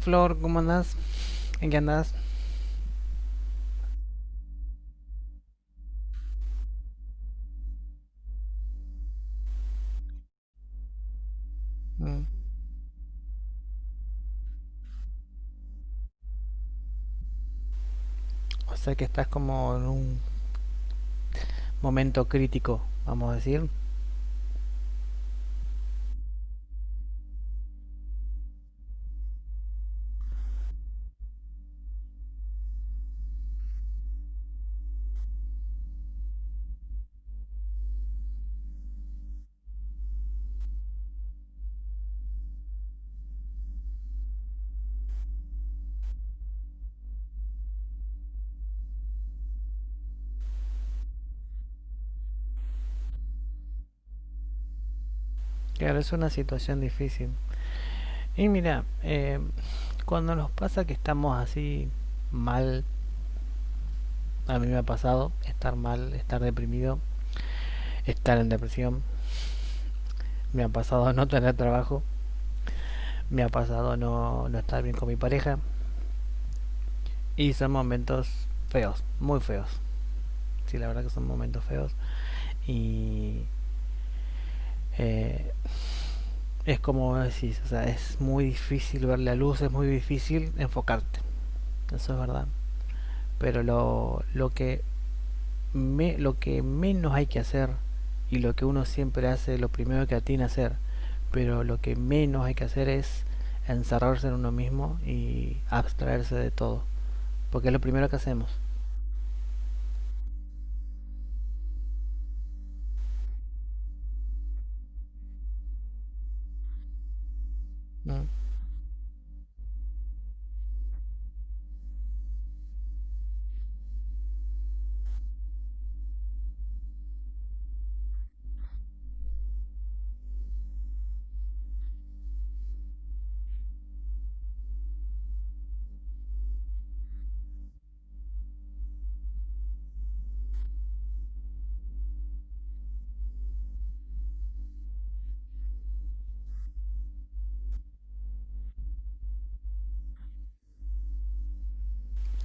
Flor, ¿cómo andás? ¿En qué andás? Mm. O sea que estás como en un momento crítico, vamos a decir. Claro, es una situación difícil. Y mira, cuando nos pasa que estamos así mal, a mí me ha pasado estar mal, estar deprimido, estar en depresión, me ha pasado no tener trabajo, me ha pasado no estar bien con mi pareja. Y son momentos feos, muy feos. Sí, la verdad que son momentos feos. Y eh, es como decís, o sea, es muy difícil ver la luz, es muy difícil enfocarte, eso es verdad. Pero lo que menos hay que hacer y lo que uno siempre hace, lo primero que atina a hacer, pero lo que menos hay que hacer es encerrarse en uno mismo y abstraerse de todo, porque es lo primero que hacemos. ¿No?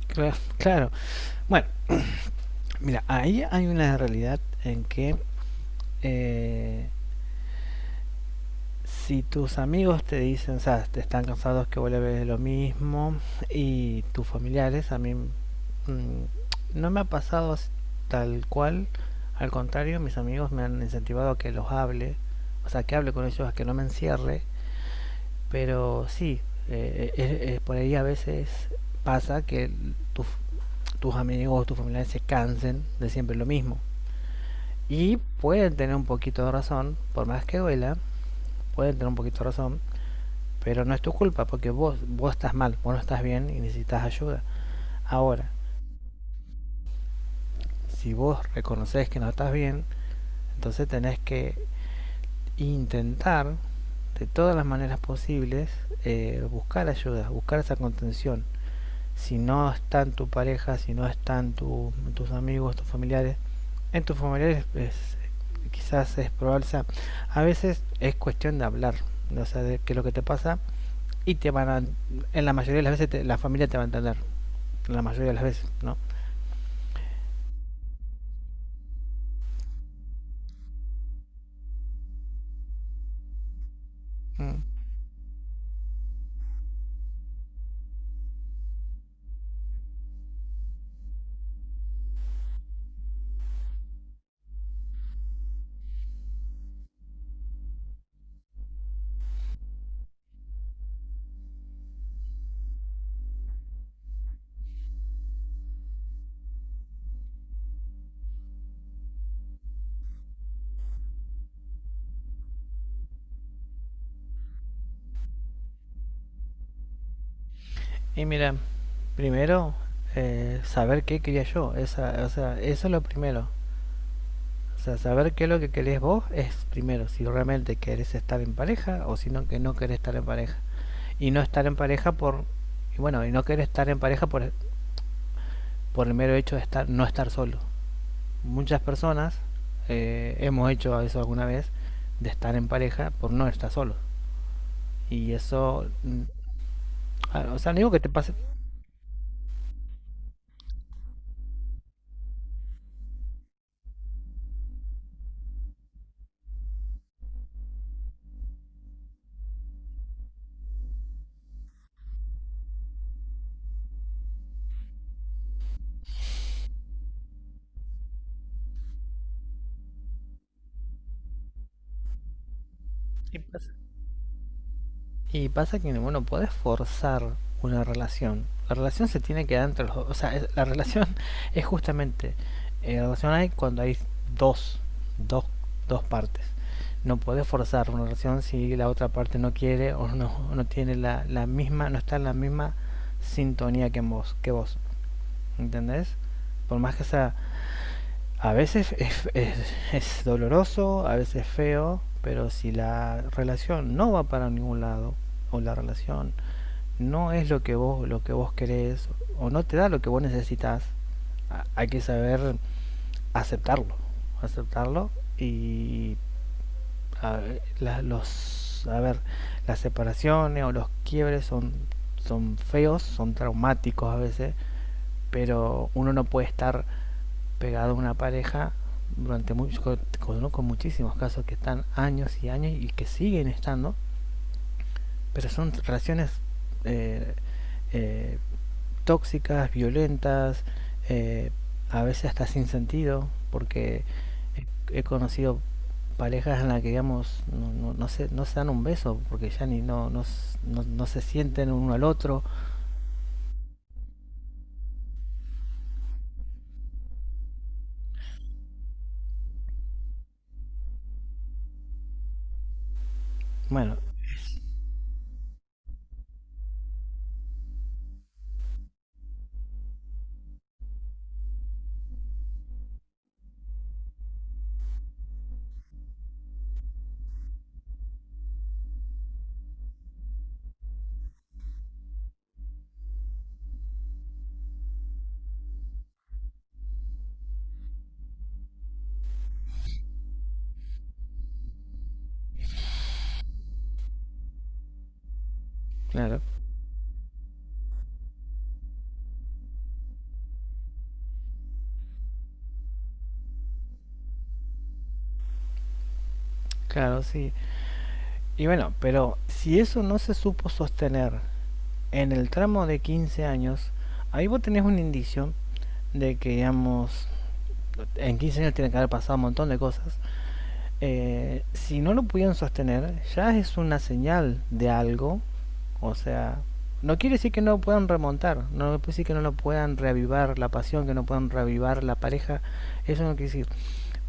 Claro, claro. Bueno, mira, ahí hay una realidad en que eh, si tus amigos te dicen, o sea, te están cansados que vuelves lo mismo, y tus familiares, a mí no me ha pasado tal cual, al contrario, mis amigos me han incentivado a que los hable, o sea, que hable con ellos, a que no me encierre, pero sí, por ahí a veces pasa que tus, tus amigos o tus familiares se cansen de siempre lo mismo. Y pueden tener un poquito de razón, por más que duela, pueden tener un poquito de razón, pero no es tu culpa porque vos estás mal, vos no estás bien y necesitas ayuda. Ahora, si vos reconoces que no estás bien, entonces tenés que intentar de todas las maneras posibles buscar ayuda, buscar esa contención. Si no están tu pareja, si no están tus amigos, tus familiares, en tus familiares es, quizás es probable, o sea, a veces es cuestión de hablar, o sea, de qué es lo que te pasa y te van a, en la mayoría de las veces te, la familia te va a entender. La mayoría de las veces, ¿no? Y mira, primero, saber qué quería yo, esa, o sea, eso es lo primero. O sea, saber qué es lo que querés vos es primero, si realmente querés estar en pareja o si no, que no querés estar en pareja. Y no estar en pareja por, y bueno, y no querer estar en pareja por el mero hecho de estar, no estar solo. Muchas personas hemos hecho eso alguna vez, de estar en pareja por no estar solo. Y eso, o sea, no digo que te pase. Y pasa que, bueno, podés forzar una relación. La relación se tiene que dar entre los dos. O sea, la relación es justamente. La relación hay cuando hay dos, dos, dos partes. No podés forzar una relación si la otra parte no quiere o no tiene la misma, no está en la misma sintonía que vos. ¿Entendés? Por más que sea. A veces es doloroso, a veces es feo, pero si la relación no va para ningún lado, o la relación no es lo que vos querés o no te da lo que vos necesitas, hay que saber aceptarlo, aceptarlo y a ver, la- los a ver, las separaciones o los quiebres son feos, son traumáticos a veces, pero uno no puede estar pegado a una pareja durante mucho, con muchísimos casos que están años y años y que siguen estando, pero son relaciones eh, eh, tóxicas, violentas, eh, a veces hasta sin sentido, porque he conocido parejas en las que, digamos, no se dan un beso, porque ya ni no se sienten uno al otro. Bueno, claro, claro, sí. Y bueno, pero si eso no se supo sostener en el tramo de 15 años, ahí vos tenés un indicio de que, digamos, en 15 años tiene que haber pasado un montón de cosas si no lo pudieron sostener, ya es una señal de algo. O sea, no quiere decir que no puedan remontar, no quiere decir que no lo puedan reavivar la pasión, que no puedan reavivar la pareja, eso no quiere decir.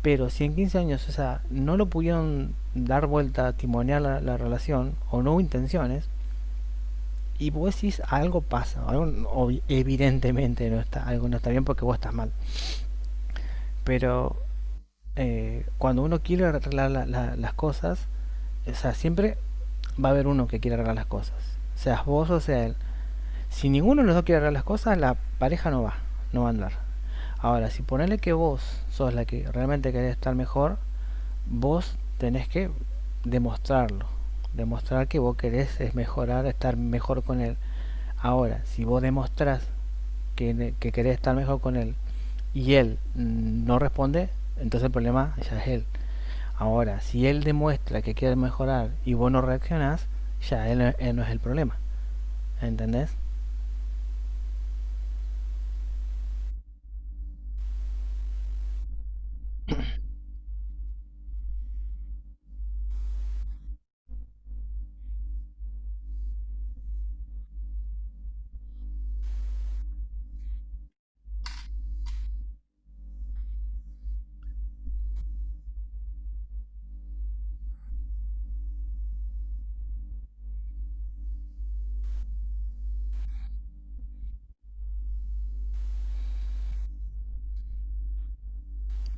Pero si en 15 años, o sea, no lo pudieron dar vuelta, timonear la relación, o no hubo intenciones, y vos decís algo pasa, algo, evidentemente no está, algo no está bien porque vos estás mal. Pero cuando uno quiere arreglar las cosas, o sea, siempre va a haber uno que quiere arreglar las cosas. Seas vos o sea él. Si ninguno de los dos quiere arreglar las cosas, la pareja no va a andar. Ahora, si ponele que vos sos la que realmente querés estar mejor, vos tenés que demostrarlo. Demostrar que vos querés es mejorar, estar mejor con él. Ahora, si vos demostrás que querés estar mejor con él y él no responde, entonces el problema ya es él. Ahora, si él demuestra que quiere mejorar y vos no reaccionás, ya él no es el problema. ¿Entendés?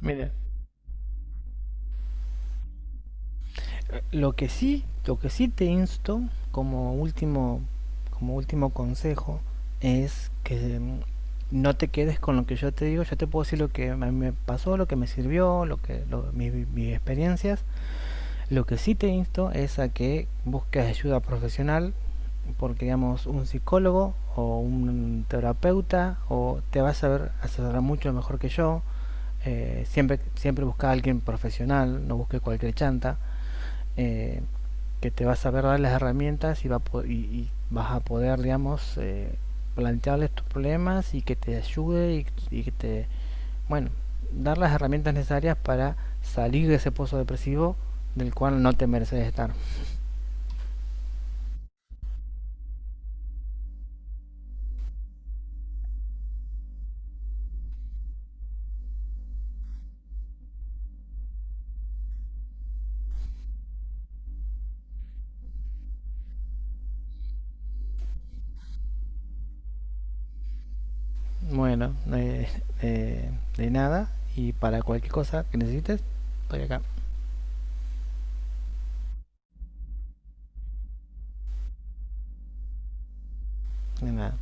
Mira, lo que sí, lo que sí te insto como último, como último consejo es que no te quedes con lo que yo te digo. Yo te puedo decir lo que me pasó, lo que me sirvió, lo que lo- mi- mis experiencias. Lo que sí te insto es a que busques ayuda profesional, porque digamos un psicólogo o un terapeuta o te va a saber asesorar mucho mejor que yo. Siempre siempre busca a alguien profesional, no busques cualquier chanta, eh, que te va a saber dar las herramientas y vas a poder, digamos, plantearles tus problemas y que te ayude y que te bueno, dar las herramientas necesarias para salir de ese pozo depresivo del cual no te mereces estar. Bueno, eh, de nada y para cualquier cosa que necesites, estoy acá. De nada.